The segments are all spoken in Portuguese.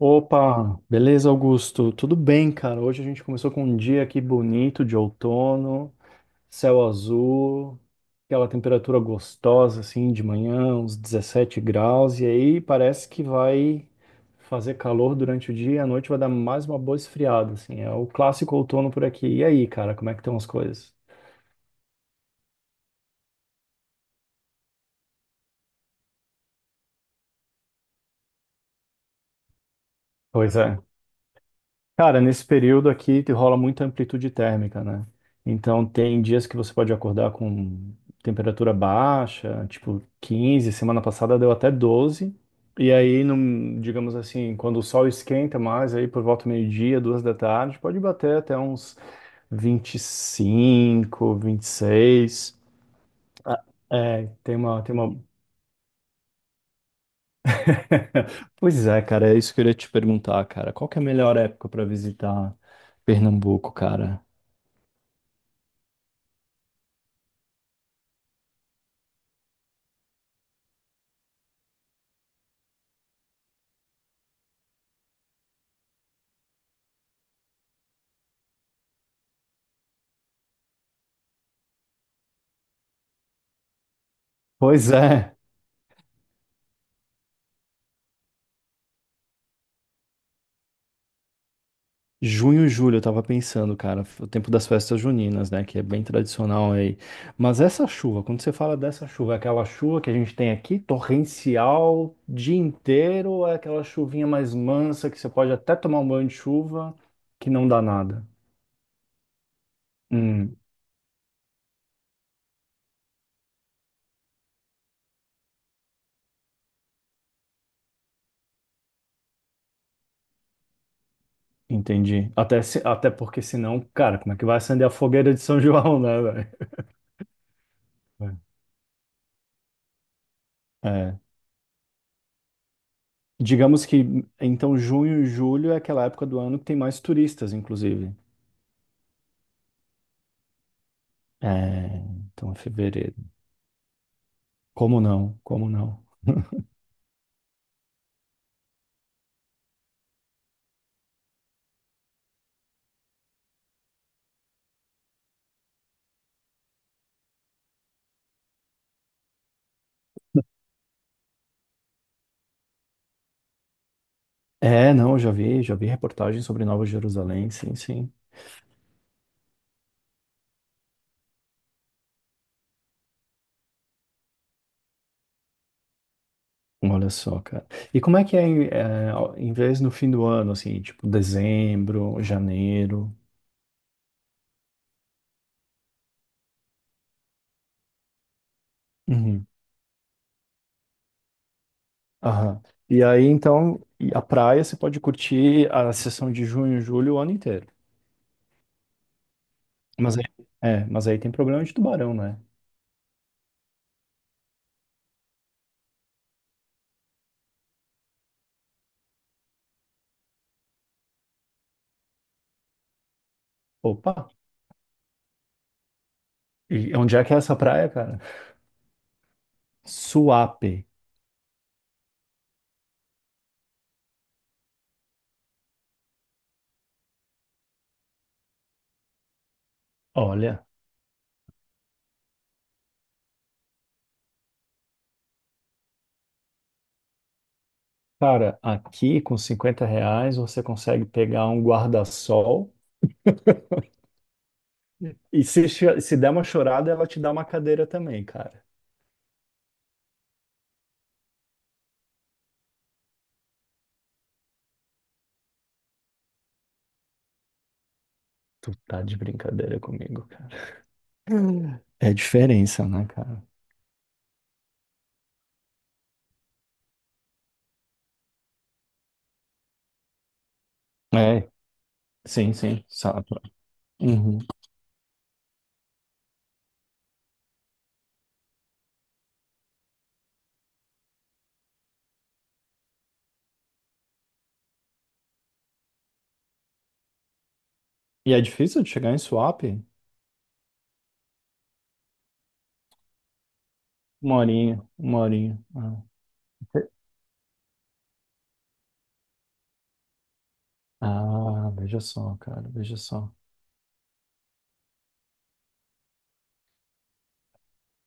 Opa, beleza, Augusto? Tudo bem, cara? Hoje a gente começou com um dia aqui bonito de outono, céu azul, aquela temperatura gostosa assim de manhã, uns 17 graus, e aí parece que vai fazer calor durante o dia, e à noite vai dar mais uma boa esfriada, assim. É o clássico outono por aqui. E aí, cara, como é que estão as coisas? Pois é. Cara, nesse período aqui rola muita amplitude térmica, né? Então tem dias que você pode acordar com temperatura baixa, tipo 15, semana passada deu até 12. E aí, digamos assim, quando o sol esquenta mais, aí por volta do meio-dia, duas da tarde, pode bater até uns 25, 26. Ah, é, tem uma... Pois é, cara, é isso que eu queria te perguntar, cara. Qual que é a melhor época para visitar Pernambuco, cara? Pois é. Junho e julho, eu tava pensando, cara, o tempo das festas juninas, né, que é bem tradicional aí. Mas essa chuva, quando você fala dessa chuva, é aquela chuva que a gente tem aqui, torrencial, dia inteiro, ou é aquela chuvinha mais mansa que você pode até tomar um banho de chuva, que não dá nada? Hum, entendi. Até, até porque senão, cara, como é que vai acender a fogueira de São João, né, velho? É. É. Digamos que, então, junho e julho é aquela época do ano que tem mais turistas, inclusive. É, então, é fevereiro. Como não? Como não? É, não, eu já vi reportagem sobre Nova Jerusalém, sim, sim. Olha só, cara. E como é que é, em vez no fim do ano, assim, tipo dezembro, janeiro? Uhum. Aham. E aí, então, e a praia você pode curtir a sessão de junho, julho, o ano inteiro. Mas aí, mas aí tem problema de tubarão, né? Opa! E onde é que é essa praia, cara? Suape. Olha. Cara, aqui com R$ 50 você consegue pegar um guarda-sol e se der uma chorada, ela te dá uma cadeira também, cara. Tu tá de brincadeira comigo, cara. Hum. É diferença, né, cara? É, sim, sim, sabe. Uhum. E é difícil de chegar em swap? Uma horinha, uma horinha. Ah, ah, veja só, cara, veja só.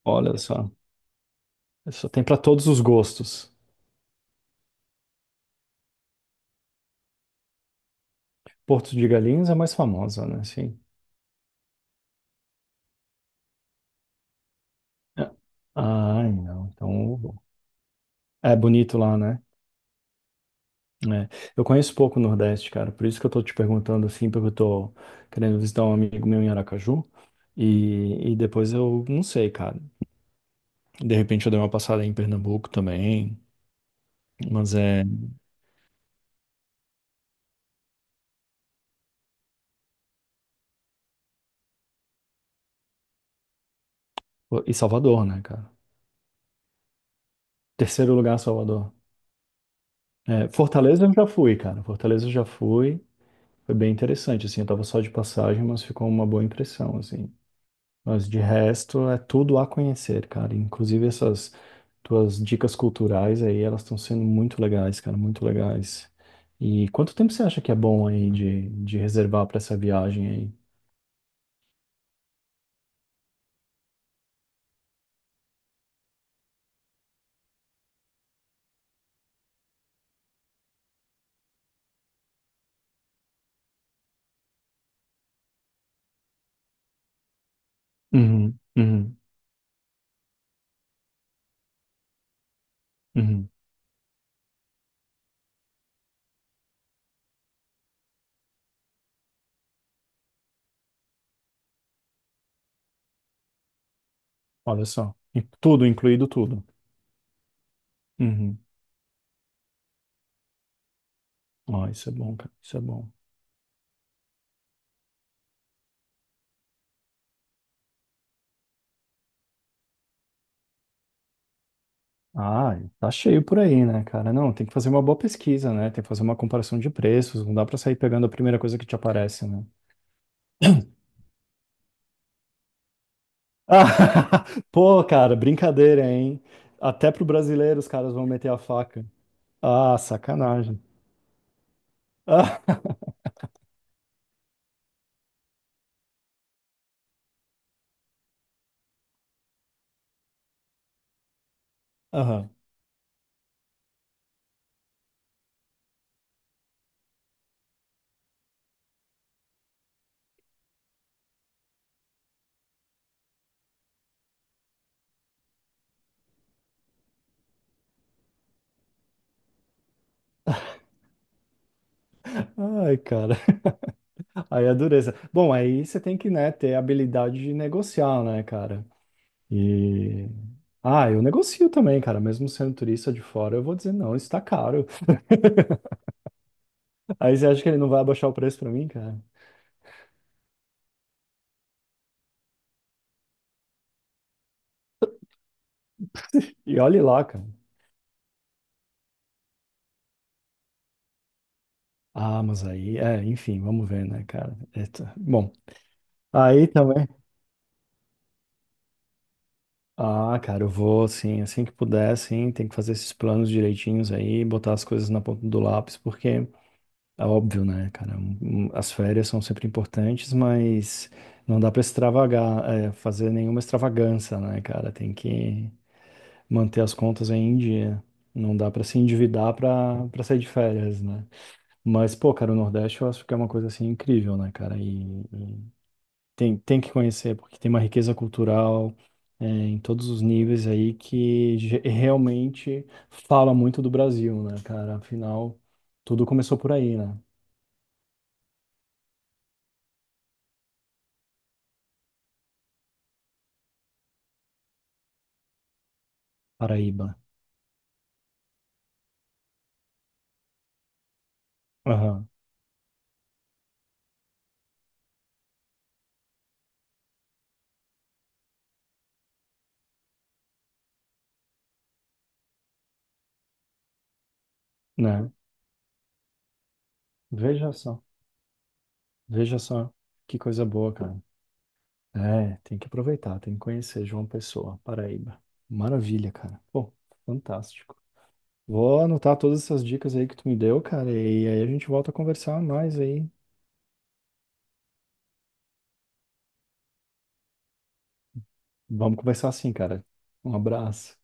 Olha só, só tem pra todos os gostos. Porto de Galinhas é mais famosa, né? Sim. É. Ai, não. Então, é bonito lá, né? É. Eu conheço pouco o Nordeste, cara, por isso que eu tô te perguntando assim, porque eu tô querendo visitar um amigo meu em Aracaju e depois eu não sei, cara. De repente eu dei uma passada em Pernambuco também, mas é. E Salvador, né, cara? Terceiro lugar, Salvador. É, Fortaleza eu já fui, cara. Fortaleza eu já fui. Foi bem interessante, assim. Eu tava só de passagem, mas ficou uma boa impressão, assim. Mas de resto é tudo a conhecer, cara. Inclusive essas tuas dicas culturais aí, elas estão sendo muito legais, cara, muito legais. E quanto tempo você acha que é bom aí de reservar para essa viagem aí? Uhum, uhum, uhum, olha só, e tudo, incluído tudo. Uhum. Ó, isso é bom, cara, isso é bom. Ah, tá cheio por aí, né, cara? Não, tem que fazer uma boa pesquisa, né? Tem que fazer uma comparação de preços, não dá para sair pegando a primeira coisa que te aparece, né? Ah, pô, cara, brincadeira, hein? Até pro brasileiro os caras vão meter a faca. Ah, sacanagem. Ah, aham. Ai, cara. Aí é dureza. Bom, aí você tem que, né, ter habilidade de negociar, né, cara? E. Ah, eu negocio também, cara. Mesmo sendo turista de fora, eu vou dizer, não, isso tá caro. Aí você acha que ele não vai abaixar o preço pra mim, cara? E olhe lá, cara. Ah, mas aí, é, enfim, vamos ver, né, cara? Eita. Bom, aí também. Ah, cara, eu vou, sim, assim que puder, sim, tem que fazer esses planos direitinhos aí, botar as coisas na ponta do lápis, porque é óbvio, né, cara, um, as férias são sempre importantes, mas não dá pra extravagar, é, fazer nenhuma extravagância, né, cara, tem que manter as contas aí em dia, não dá pra se endividar pra para sair de férias, né, mas, pô, cara, o Nordeste eu acho que é uma coisa, assim, incrível, né, cara, e, tem que conhecer, porque tem uma riqueza cultural, é, em todos os níveis aí que realmente fala muito do Brasil, né, cara? Afinal, tudo começou por aí, né? Paraíba. Aham, né? Veja só, veja só que coisa boa, cara. É, tem que aproveitar, tem que conhecer João Pessoa, Paraíba. Maravilha, cara. Pô, fantástico. Vou anotar todas essas dicas aí que tu me deu, cara, e aí a gente volta a conversar mais aí. Vamos conversar assim, cara. Um abraço.